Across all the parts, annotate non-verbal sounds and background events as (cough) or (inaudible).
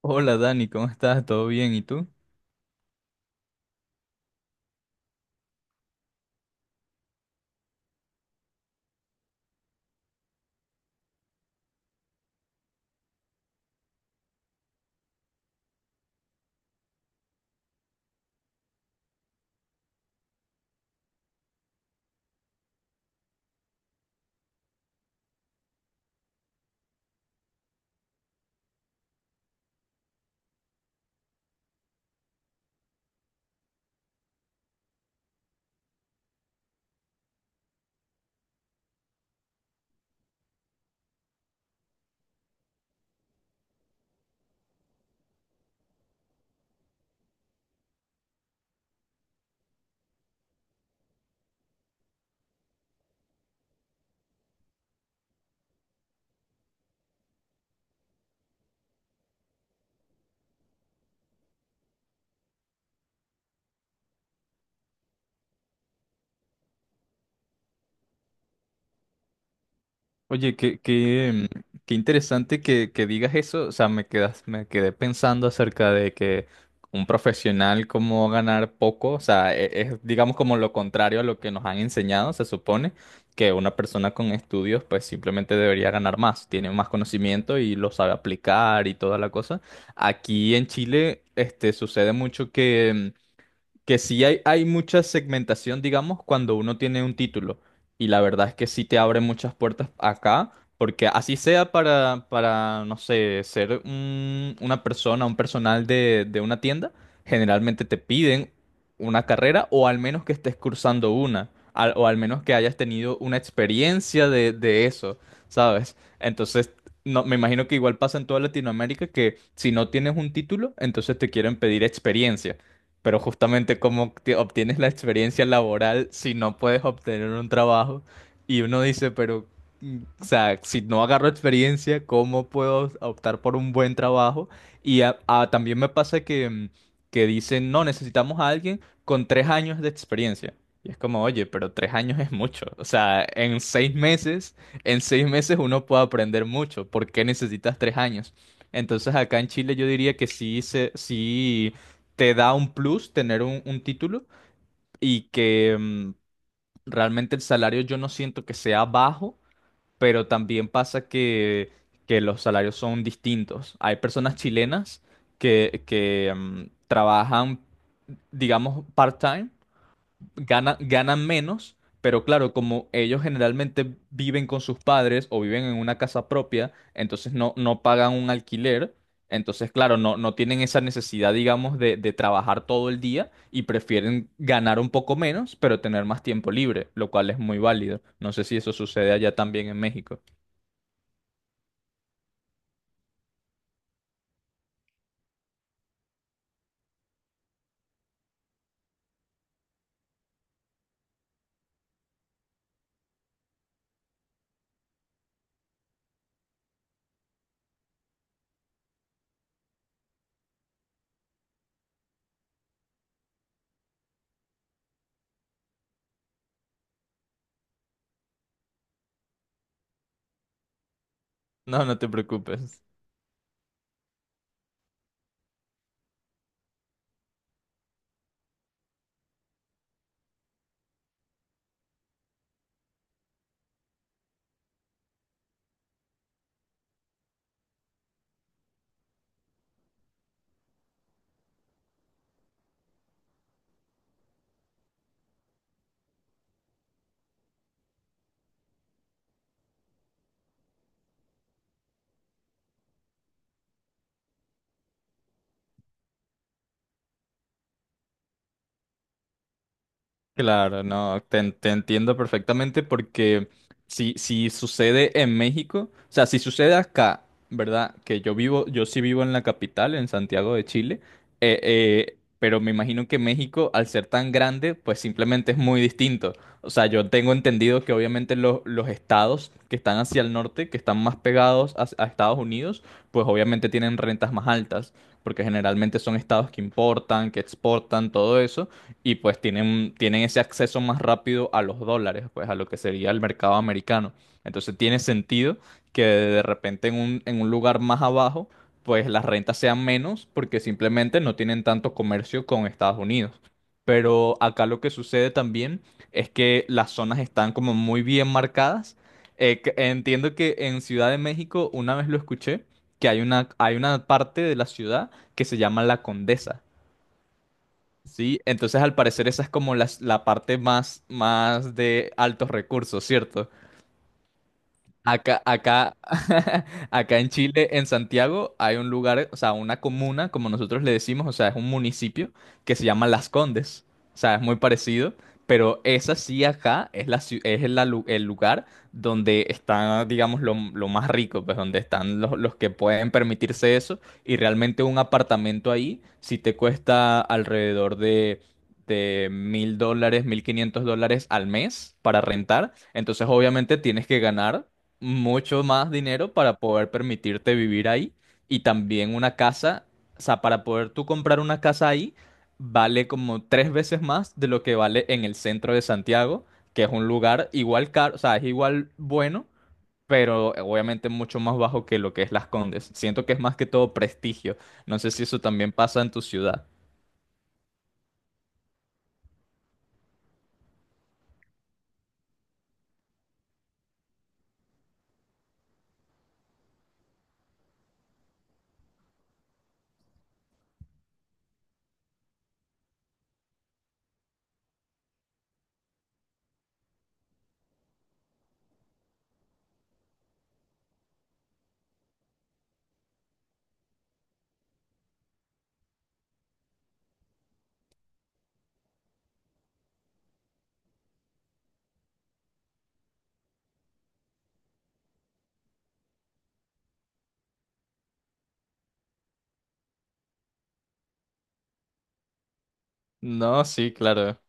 Hola Dani, ¿cómo estás? ¿Todo bien? ¿Y tú? Oye, qué interesante que digas eso. O sea, me quedé pensando acerca de que un profesional como ganar poco, o sea, es, digamos, como lo contrario a lo que nos han enseñado. Se supone que una persona con estudios pues simplemente debería ganar más, tiene más conocimiento y lo sabe aplicar y toda la cosa. Aquí en Chile, este, sucede mucho que sí hay mucha segmentación, digamos, cuando uno tiene un título. Y la verdad es que sí te abre muchas puertas acá, porque así sea para no sé, ser una persona, un personal de una tienda, generalmente te piden una carrera o al menos que estés cursando una, o al menos que hayas tenido una experiencia de eso, ¿sabes? Entonces. No, me imagino que igual pasa en toda Latinoamérica, que si no tienes un título, entonces te quieren pedir experiencia. Pero justamente, cómo obtienes la experiencia laboral si no puedes obtener un trabajo. Y uno dice, pero, o sea, si no agarro experiencia, ¿cómo puedo optar por un buen trabajo? Y también me pasa que, que dicen, no, necesitamos a alguien con 3 años de experiencia. Y es como, oye, pero 3 años es mucho. O sea, en 6 meses uno puede aprender mucho. ¿Por qué necesitas 3 años? Entonces, acá en Chile yo diría que sí te da un plus tener un título y que realmente el salario yo no siento que sea bajo, pero también pasa que, los salarios son distintos. Hay personas chilenas trabajan, digamos, part-time, ganan menos, pero claro, como ellos generalmente viven con sus padres o viven en una casa propia, entonces no, no pagan un alquiler. Entonces, claro, no, no tienen esa necesidad, digamos, de trabajar todo el día, y prefieren ganar un poco menos, pero tener más tiempo libre, lo cual es muy válido. No sé si eso sucede allá también en México. No, no te preocupes. Claro, no, te entiendo perfectamente, porque si sucede en México, o sea, si sucede acá, ¿verdad? Que yo sí vivo en la capital, en Santiago de Chile. Pero me imagino que México, al ser tan grande, pues simplemente es muy distinto. O sea, yo tengo entendido que obviamente los estados que están hacia el norte, que están más pegados a Estados Unidos, pues obviamente tienen rentas más altas, porque generalmente son estados que importan, que exportan, todo eso, y pues tienen ese acceso más rápido a los dólares, pues a lo que sería el mercado americano. Entonces tiene sentido que de repente en un, lugar más abajo, pues las rentas sean menos, porque simplemente no tienen tanto comercio con Estados Unidos. Pero acá lo que sucede también es que las zonas están como muy bien marcadas. Entiendo que en Ciudad de México, una vez lo escuché, que hay una, parte de la ciudad que se llama La Condesa. Sí, entonces al parecer esa es como la parte más de altos recursos, ¿cierto? Acá, acá, (laughs) acá en Chile, en Santiago, hay un lugar, o sea, una comuna, como nosotros le decimos, o sea, es un municipio que se llama Las Condes. O sea, es muy parecido, pero esa sí, acá es la, ciu- es la lu- el lugar donde está, digamos, lo más rico, pues donde están los que pueden permitirse eso. Y realmente un apartamento ahí sí te cuesta alrededor de $1,000, $1,500 al mes para rentar. Entonces, obviamente, tienes que ganar mucho más dinero para poder permitirte vivir ahí, y también una casa, o sea, para poder tú comprar una casa ahí, vale como tres veces más de lo que vale en el centro de Santiago, que es un lugar igual caro, o sea, es igual bueno, pero obviamente mucho más bajo que lo que es Las Condes. Siento que es más que todo prestigio. No sé si eso también pasa en tu ciudad. No, sí, claro.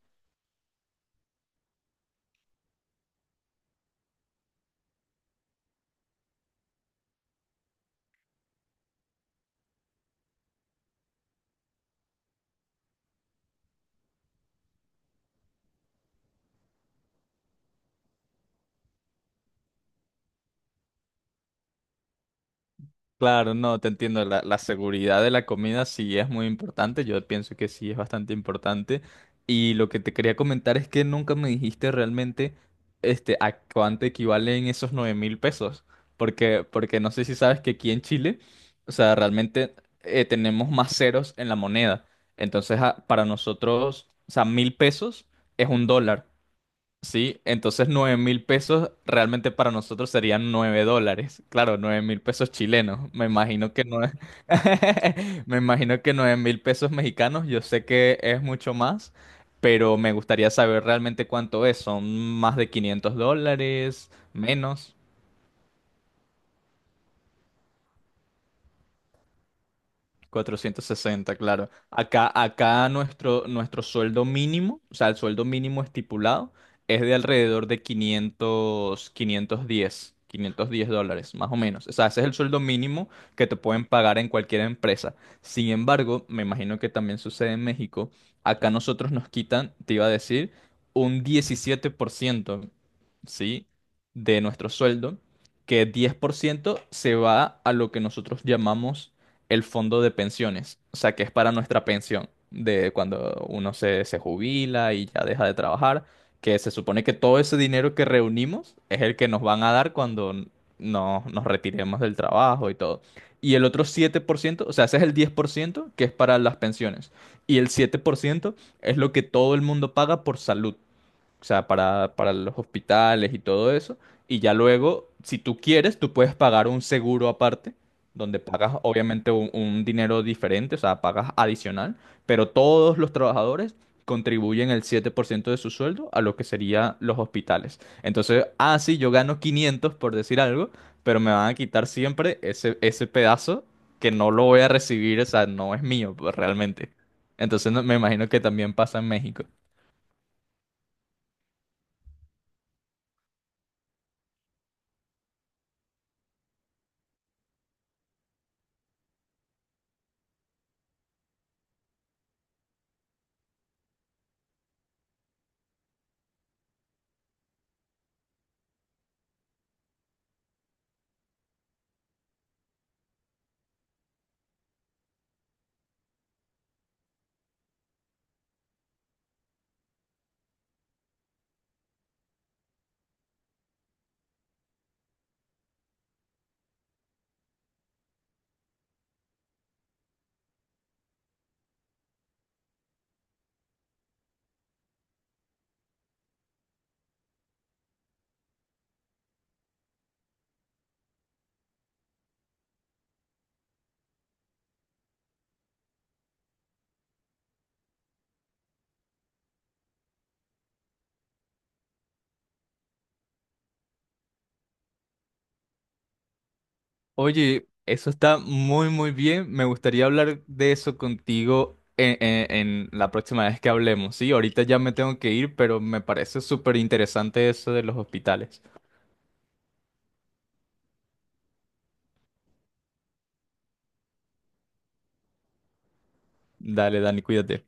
Claro, no, te entiendo. La seguridad de la comida sí es muy importante. Yo pienso que sí es bastante importante. Y lo que te quería comentar es que nunca me dijiste realmente, este, a cuánto equivalen esos 9,000 pesos. Porque no sé si sabes que aquí en Chile, o sea, realmente tenemos más ceros en la moneda. Entonces, para nosotros, o sea, 1,000 pesos es un dólar. Sí, entonces 9,000 pesos realmente para nosotros serían $9. Claro, 9,000 pesos chilenos. Me imagino que no es. (laughs) Me imagino que 9,000 pesos mexicanos, yo sé que es mucho más, pero me gustaría saber realmente cuánto es. ¿Son más de $500? ¿Menos? 460, claro. Acá, nuestro sueldo mínimo, o sea, el sueldo mínimo estipulado es de alrededor de 500, $510, más o menos. O sea, ese es el sueldo mínimo que te pueden pagar en cualquier empresa. Sin embargo, me imagino que también sucede en México. Acá nosotros nos quitan, te iba a decir, un 17%, ¿sí? De nuestro sueldo, que 10% se va a lo que nosotros llamamos el fondo de pensiones, o sea, que es para nuestra pensión, de cuando uno se jubila y ya deja de trabajar, que se supone que todo ese dinero que reunimos es el que nos van a dar cuando nos retiremos del trabajo y todo. Y el otro 7%, o sea, ese es el 10% que es para las pensiones. Y el 7% es lo que todo el mundo paga por salud, o sea, para los hospitales y todo eso. Y ya luego, si tú quieres, tú puedes pagar un seguro aparte, donde pagas obviamente un dinero diferente, o sea, pagas adicional, pero todos los trabajadores contribuyen el 7% de su sueldo a lo que serían los hospitales. Entonces, ah, sí, yo gano 500 por decir algo, pero me van a quitar siempre ese pedazo que no lo voy a recibir, o sea, no es mío, pues, realmente. Entonces, me imagino que también pasa en México. Oye, eso está muy, muy bien. Me gustaría hablar de eso contigo en, la próxima vez que hablemos. Sí, ahorita ya me tengo que ir, pero me parece súper interesante eso de los hospitales. Dale, Dani, cuídate.